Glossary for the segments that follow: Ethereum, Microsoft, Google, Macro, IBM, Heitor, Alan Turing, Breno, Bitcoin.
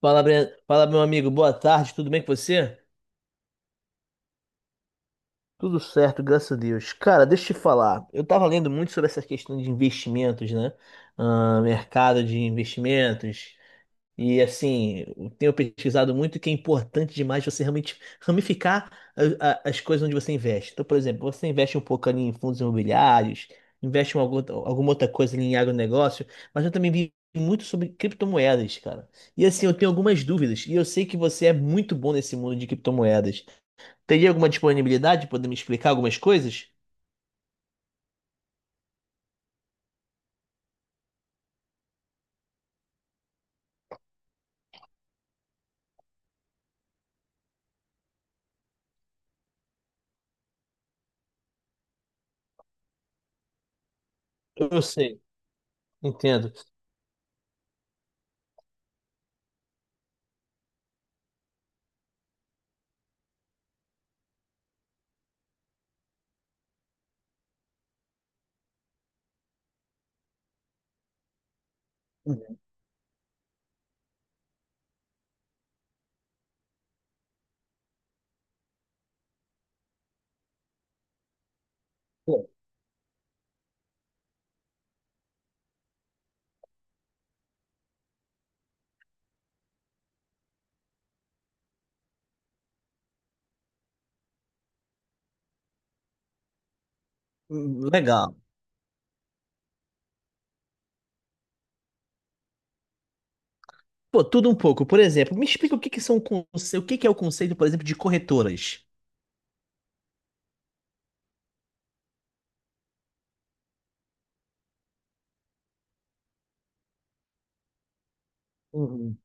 Fala, Breno. Fala, meu amigo. Boa tarde, tudo bem com você? Tudo certo, graças a Deus. Cara, deixa eu te falar. Eu tava lendo muito sobre essa questão de investimentos, né? Ah, mercado de investimentos. E assim, eu tenho pesquisado muito que é importante demais você realmente ramificar as coisas onde você investe. Então, por exemplo, você investe um pouco ali em fundos imobiliários, investe em alguma outra coisa ali em agronegócio, mas eu também vi muito sobre criptomoedas, cara. E assim, eu tenho algumas dúvidas, e eu sei que você é muito bom nesse mundo de criptomoedas. Teria alguma disponibilidade de poder me explicar algumas coisas? Eu sei, entendo. Pô, legal. Pô, tudo um pouco. Por exemplo, me explica o que que são o que que é o conceito, por exemplo, de corretoras. Uhum.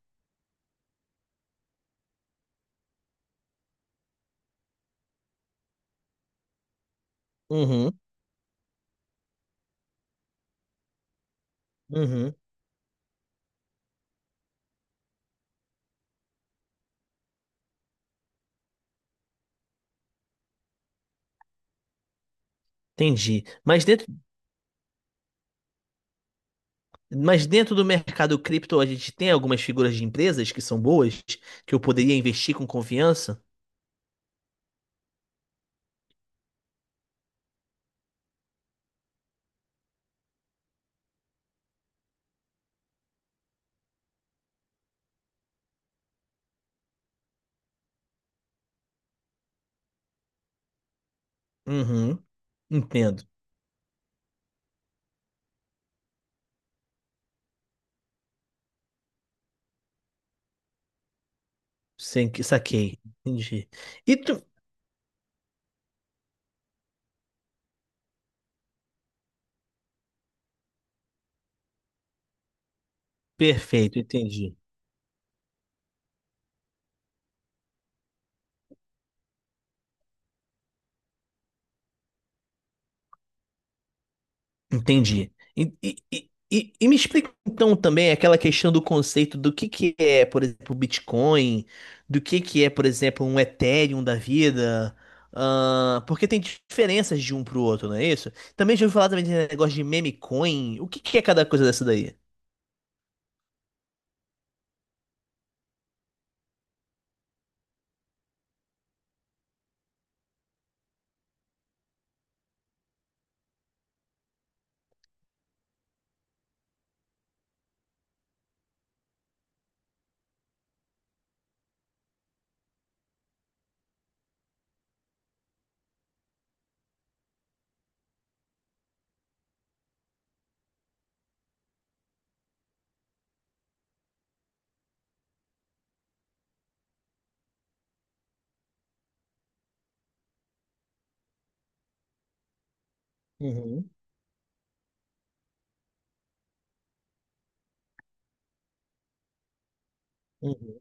Uhum, uhum, entendi. Mas dentro do mercado cripto a gente tem algumas figuras de empresas que são boas, que eu poderia investir com confiança? Uhum, entendo. Sem que saquei. Entendi. E tu... Perfeito, entendi. Entendi. E, me explica então também aquela questão do conceito do que é, por exemplo, o Bitcoin, do que é, por exemplo, um Ethereum da vida, ah, porque tem diferenças de um pro outro, não é isso? Também já ouvi falar também de negócio de meme coin. O que que é cada coisa dessa daí? Uhum, uhum.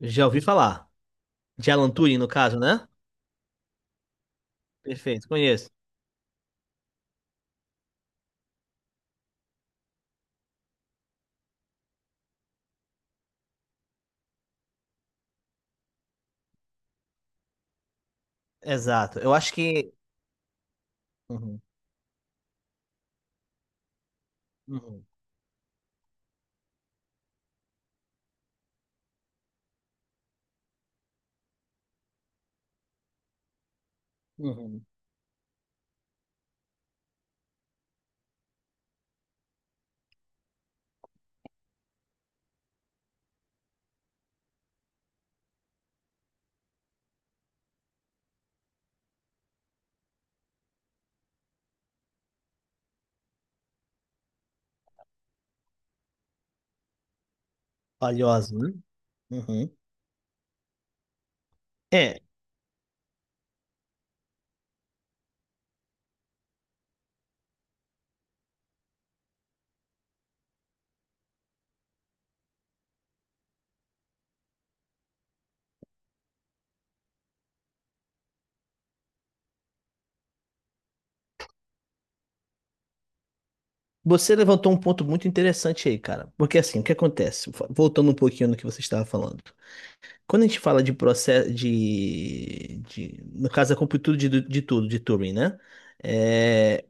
Já ouvi falar. De Alan Turing, no caso, né? Perfeito, conheço. Exato. Eu acho que. Uhum, uhum. Uhum, valiosa, né? Uhum. Você levantou um ponto muito interessante aí, cara. Porque assim, o que acontece? Voltando um pouquinho no que você estava falando. Quando a gente fala de processo no caso, a completude de tudo, de Turing, né? É,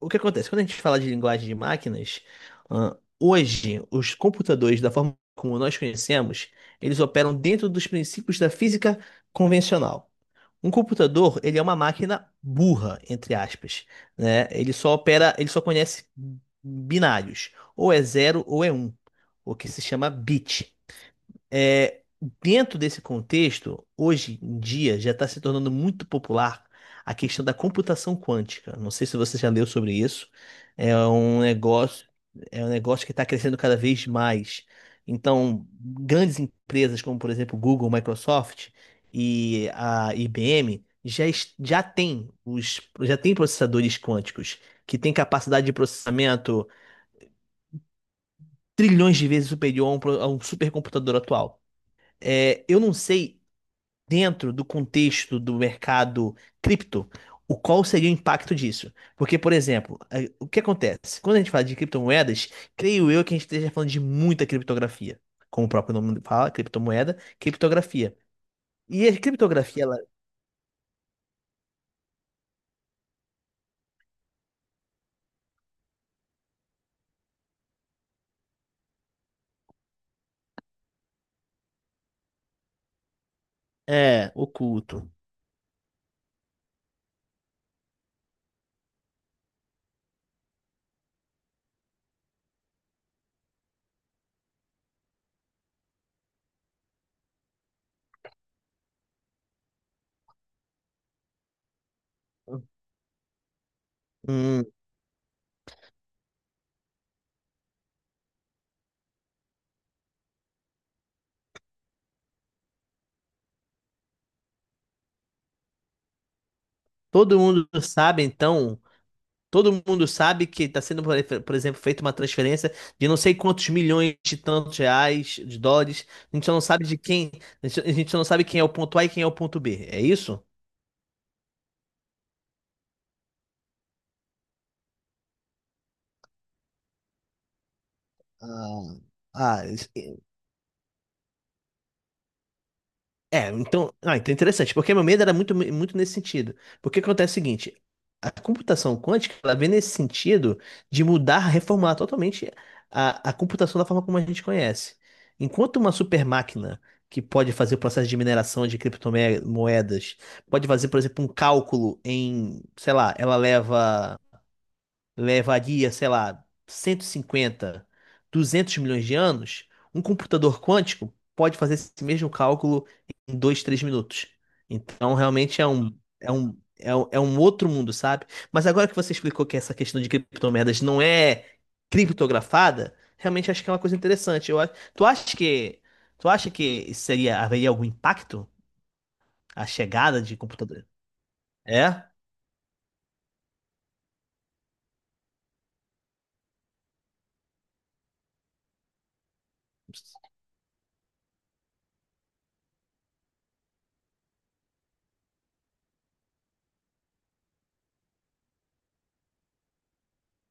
o que acontece? Quando a gente fala de linguagem de máquinas, ah, hoje, os computadores, da forma como nós conhecemos, eles operam dentro dos princípios da física convencional. Um computador, ele é uma máquina burra, entre aspas, né? Ele só opera, ele só conhece binários, ou é zero ou é um, o que se chama bit. É, dentro desse contexto, hoje em dia já está se tornando muito popular a questão da computação quântica. Não sei se você já leu sobre isso. É um negócio, é um negócio que está crescendo cada vez mais. Então, grandes empresas como, por exemplo, Google, Microsoft e a IBM já, já têm os, já têm processadores quânticos que têm capacidade de processamento trilhões de vezes superior a um, a um supercomputador atual. É, eu não sei dentro do contexto do mercado cripto, o qual seria o impacto disso? Porque, por exemplo, o que acontece? Quando a gente fala de criptomoedas, creio eu que a gente esteja falando de muita criptografia. Como o próprio nome fala, criptomoeda, criptografia. E a criptografia, ela é oculto. Hum, todo mundo sabe, então, todo mundo sabe que está sendo, por exemplo, feita uma transferência de não sei quantos milhões de tantos reais, de dólares. A gente só não sabe de quem, a gente só não sabe quem é o ponto A e quem é o ponto B. É isso? Ah, ah, é, então, ah, então é interessante, porque meu medo era muito, muito nesse sentido. Porque acontece o seguinte, a computação quântica, ela vem nesse sentido de mudar, reformular totalmente a computação da forma como a gente conhece. Enquanto uma super máquina que pode fazer o processo de mineração de criptomoedas, pode fazer, por exemplo, um cálculo em, sei lá, ela leva levaria, sei lá, 150, 200 milhões de anos, um computador quântico pode fazer esse mesmo cálculo em 2, 3 minutos. Então, realmente é um outro mundo, sabe? Mas agora que você explicou que essa questão de criptomoedas não é criptografada, realmente acho que é uma coisa interessante. Eu, tu acha que, tu acha que seria, haveria algum impacto a chegada de computador? É?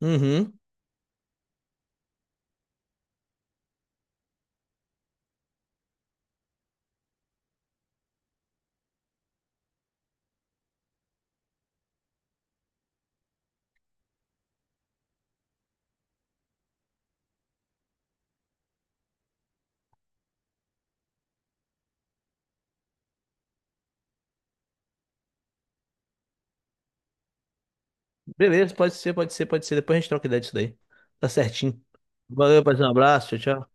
Uhum. Beleza, pode ser, pode ser, pode ser. Depois a gente troca ideia disso daí. Tá certinho. Valeu, paz, um abraço, tchau, tchau.